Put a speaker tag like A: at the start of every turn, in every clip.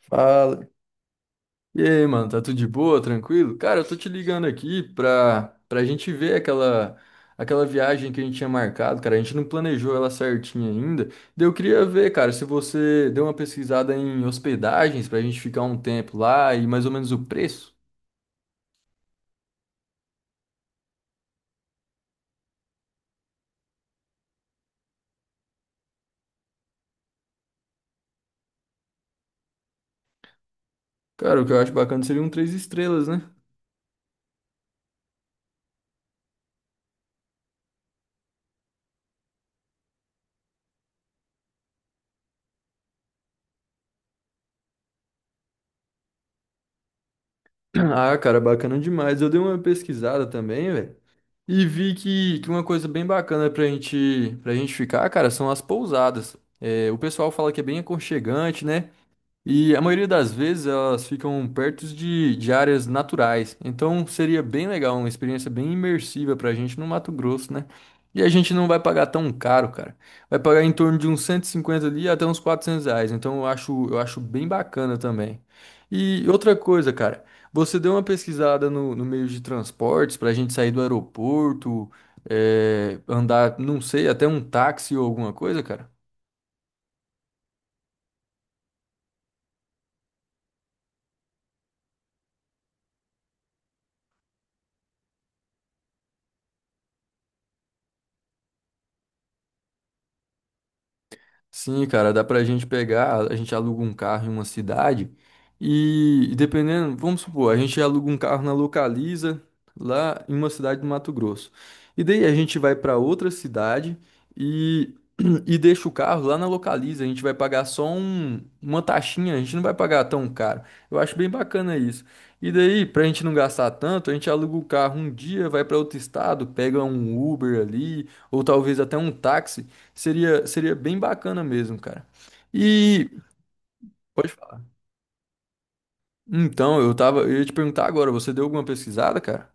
A: Fala. E aí, mano, tá tudo de boa, tranquilo? Cara, eu tô te ligando aqui pra gente ver aquela viagem que a gente tinha marcado, cara. A gente não planejou ela certinha ainda. Daí eu queria ver, cara, se você deu uma pesquisada em hospedagens pra gente ficar um tempo lá e mais ou menos o preço. Cara, o que eu acho bacana seria um três estrelas, né? Ah, cara, bacana demais. Eu dei uma pesquisada também, velho. E vi que uma coisa bem bacana pra gente ficar, cara, são as pousadas. É, o pessoal fala que é bem aconchegante, né? E a maioria das vezes elas ficam perto de áreas naturais. Então seria bem legal, uma experiência bem imersiva pra gente no Mato Grosso, né? E a gente não vai pagar tão caro, cara. Vai pagar em torno de uns 150 ali até uns 400 reais. Então eu acho bem bacana também. E outra coisa, cara, você deu uma pesquisada no meio de transportes pra gente sair do aeroporto, andar, não sei, até um táxi ou alguma coisa, cara? Sim, cara, dá pra gente pegar, a gente aluga um carro em uma cidade e dependendo, vamos supor, a gente aluga um carro na Localiza, lá em uma cidade do Mato Grosso. E daí a gente vai pra outra cidade e, e deixa o carro lá na Localiza. A gente vai pagar só uma taxinha, a gente não vai pagar tão caro. Eu acho bem bacana isso. E daí, pra gente não gastar tanto, a gente aluga o carro um dia, vai pra outro estado, pega um Uber ali, ou talvez até um táxi. Seria bem bacana mesmo, cara. E pode falar. Então, eu ia te perguntar agora, você deu alguma pesquisada, cara?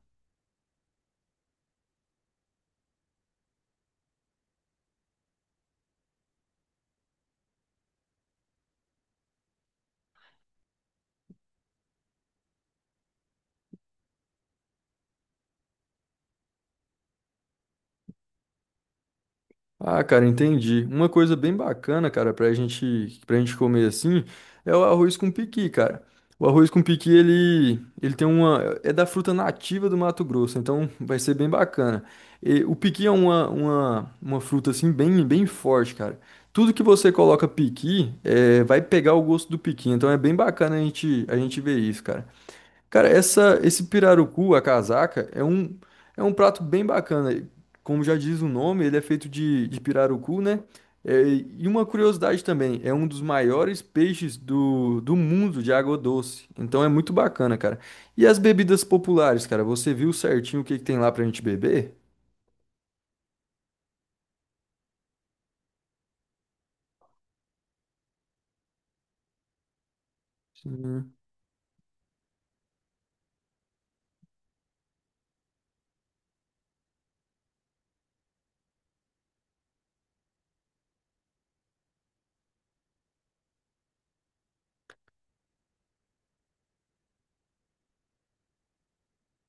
A: Ah, cara, entendi. Uma coisa bem bacana, cara, pra gente comer assim, é o arroz com piqui, cara. O arroz com piqui, ele tem uma, é da fruta nativa do Mato Grosso, então vai ser bem bacana. E o piqui é uma fruta assim bem, bem forte, cara. Tudo que você coloca piqui, é, vai pegar o gosto do piqui, então é bem bacana a gente ver isso, cara. Cara, esse pirarucu, a casaca, é um prato bem bacana. Como já diz o nome, ele é feito de pirarucu, né? É, e uma curiosidade também, é um dos maiores peixes do mundo de água doce. Então é muito bacana, cara. E as bebidas populares, cara? Você viu certinho o que que tem lá pra gente beber? Sim.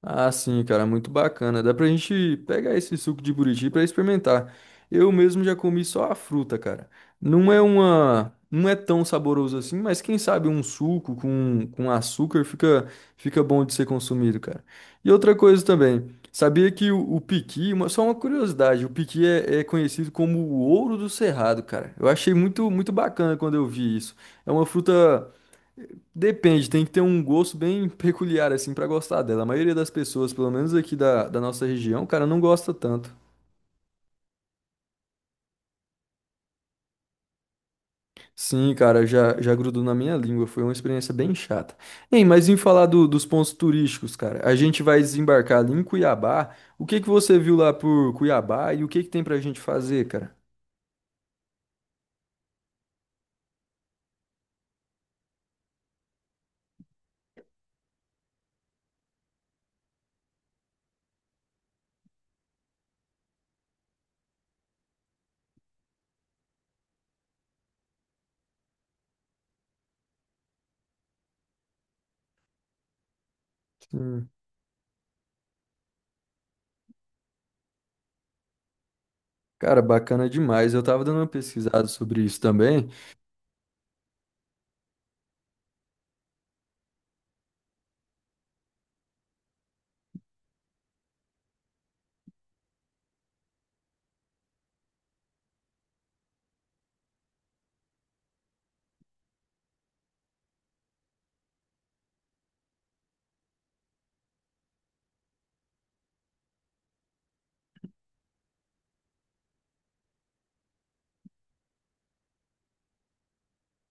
A: Ah, sim, cara, muito bacana. Dá pra gente pegar esse suco de buriti pra experimentar. Eu mesmo já comi só a fruta, cara. Não é tão saboroso assim, mas quem sabe um suco com açúcar fica bom de ser consumido, cara. E outra coisa também, sabia que o piqui, só uma curiosidade, o piqui é conhecido como o ouro do cerrado, cara. Eu achei muito, muito bacana quando eu vi isso. É uma fruta. Depende, tem que ter um gosto bem peculiar, assim, pra gostar dela. A maioria das pessoas, pelo menos aqui da nossa região, cara, não gosta tanto. Sim, cara, já, já grudou na minha língua, foi uma experiência bem chata. Ei, mas em falar dos pontos turísticos, cara, a gente vai desembarcar ali em Cuiabá. O que que você viu lá por Cuiabá e o que que tem pra gente fazer, cara? Sim. Cara, bacana demais. Eu tava dando uma pesquisada sobre isso também.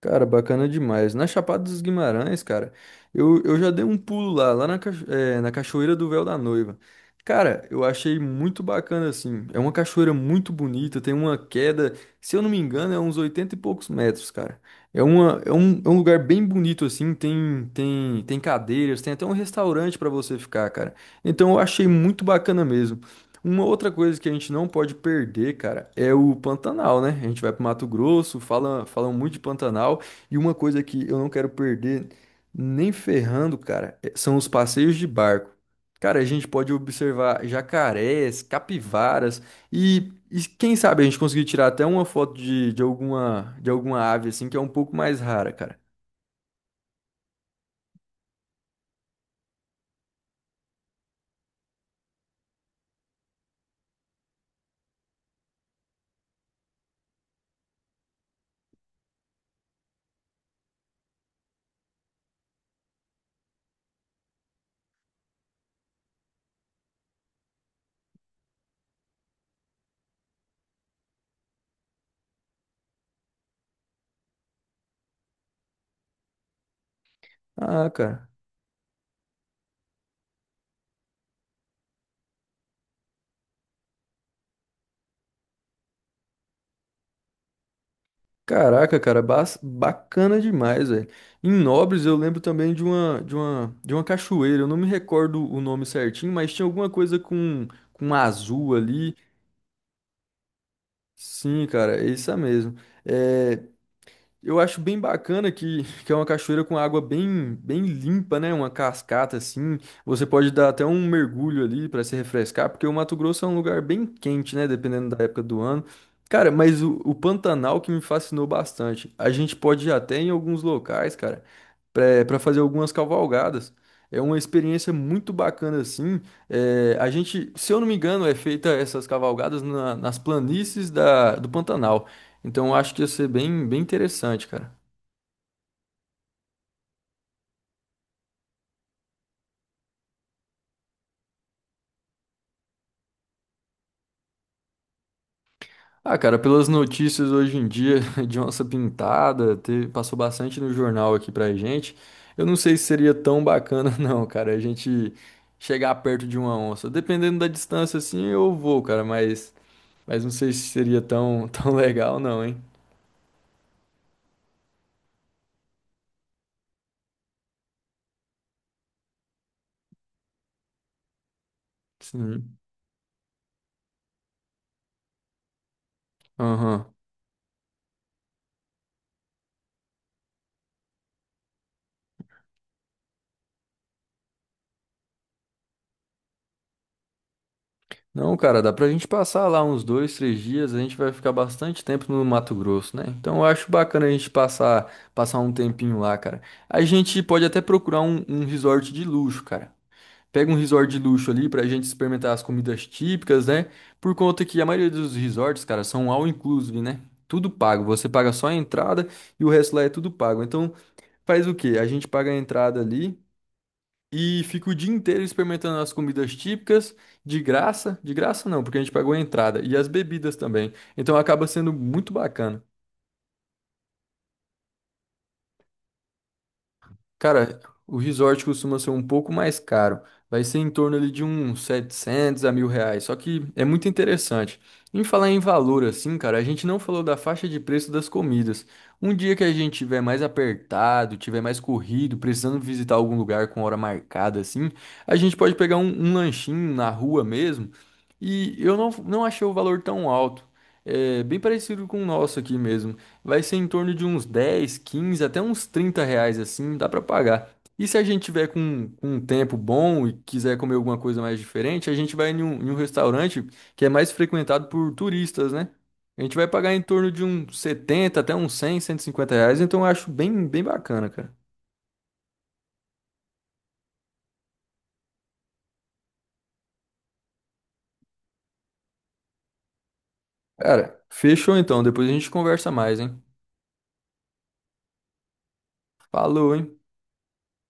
A: Cara, bacana demais. Na Chapada dos Guimarães, cara, eu já dei um pulo lá, lá na, na Cachoeira do Véu da Noiva. Cara, eu achei muito bacana, assim. É uma cachoeira muito bonita, tem uma queda, se eu não me engano, é uns 80 e poucos metros, cara. É um lugar bem bonito, assim. Tem cadeiras, tem até um restaurante pra você ficar, cara. Então eu achei muito bacana mesmo. Uma outra coisa que a gente não pode perder, cara, é o Pantanal, né? A gente vai pro Mato Grosso, falam muito de Pantanal, e uma coisa que eu não quero perder nem ferrando, cara, são os passeios de barco. Cara, a gente pode observar jacarés, capivaras e quem sabe a gente conseguir tirar até uma foto de alguma ave assim que é um pouco mais rara, cara. Ah, cara. Caraca, cara, bacana demais, velho. Em Nobres eu lembro também de uma cachoeira. Eu não me recordo o nome certinho, mas tinha alguma coisa com azul ali. Sim, cara, é isso mesmo. É, eu acho bem bacana que é uma cachoeira com água bem, bem limpa, né? Uma cascata assim. Você pode dar até um mergulho ali para se refrescar, porque o Mato Grosso é um lugar bem quente, né? Dependendo da época do ano. Cara, mas o Pantanal que me fascinou bastante. A gente pode ir até em alguns locais, cara, para fazer algumas cavalgadas. É uma experiência muito bacana assim. É, a gente, se eu não me engano, é feita essas cavalgadas nas planícies do Pantanal. Então eu acho que ia ser bem, bem interessante, cara. Ah, cara, pelas notícias hoje em dia de onça pintada, passou bastante no jornal aqui pra gente. Eu não sei se seria tão bacana, não, cara, a gente chegar perto de uma onça. Dependendo da distância, assim, eu vou, cara, mas não sei se seria tão, tão legal, não, hein? Sim. Aham. Não, cara, dá pra gente passar lá uns dois, três dias, a gente vai ficar bastante tempo no Mato Grosso, né? Então eu acho bacana a gente passar, passar um tempinho lá, cara. A gente pode até procurar um resort de luxo, cara. Pega um resort de luxo ali pra gente experimentar as comidas típicas, né? Por conta que a maioria dos resorts, cara, são all inclusive, né? Tudo pago. Você paga só a entrada e o resto lá é tudo pago. Então faz o quê? A gente paga a entrada ali. E fica o dia inteiro experimentando as comidas típicas, de graça não, porque a gente pagou a entrada, e as bebidas também. Então acaba sendo muito bacana. Cara, o resort costuma ser um pouco mais caro. Vai ser em torno ali de uns 700 a 1.000 reais. Só que é muito interessante. Em falar em valor, assim, cara, a gente não falou da faixa de preço das comidas. Um dia que a gente tiver mais apertado, tiver mais corrido, precisando visitar algum lugar com hora marcada, assim, a gente pode pegar um lanchinho na rua mesmo. E eu não, não achei o valor tão alto. É bem parecido com o nosso aqui mesmo. Vai ser em torno de uns 10, 15 até uns 30 reais assim, dá pra pagar. E se a gente tiver com um tempo bom e quiser comer alguma coisa mais diferente, a gente vai em um restaurante que é mais frequentado por turistas, né? A gente vai pagar em torno de uns 70 até uns 100, 150 reais, então eu acho bem, bem bacana, cara. Cara, fechou então, depois a gente conversa mais, hein? Falou, hein?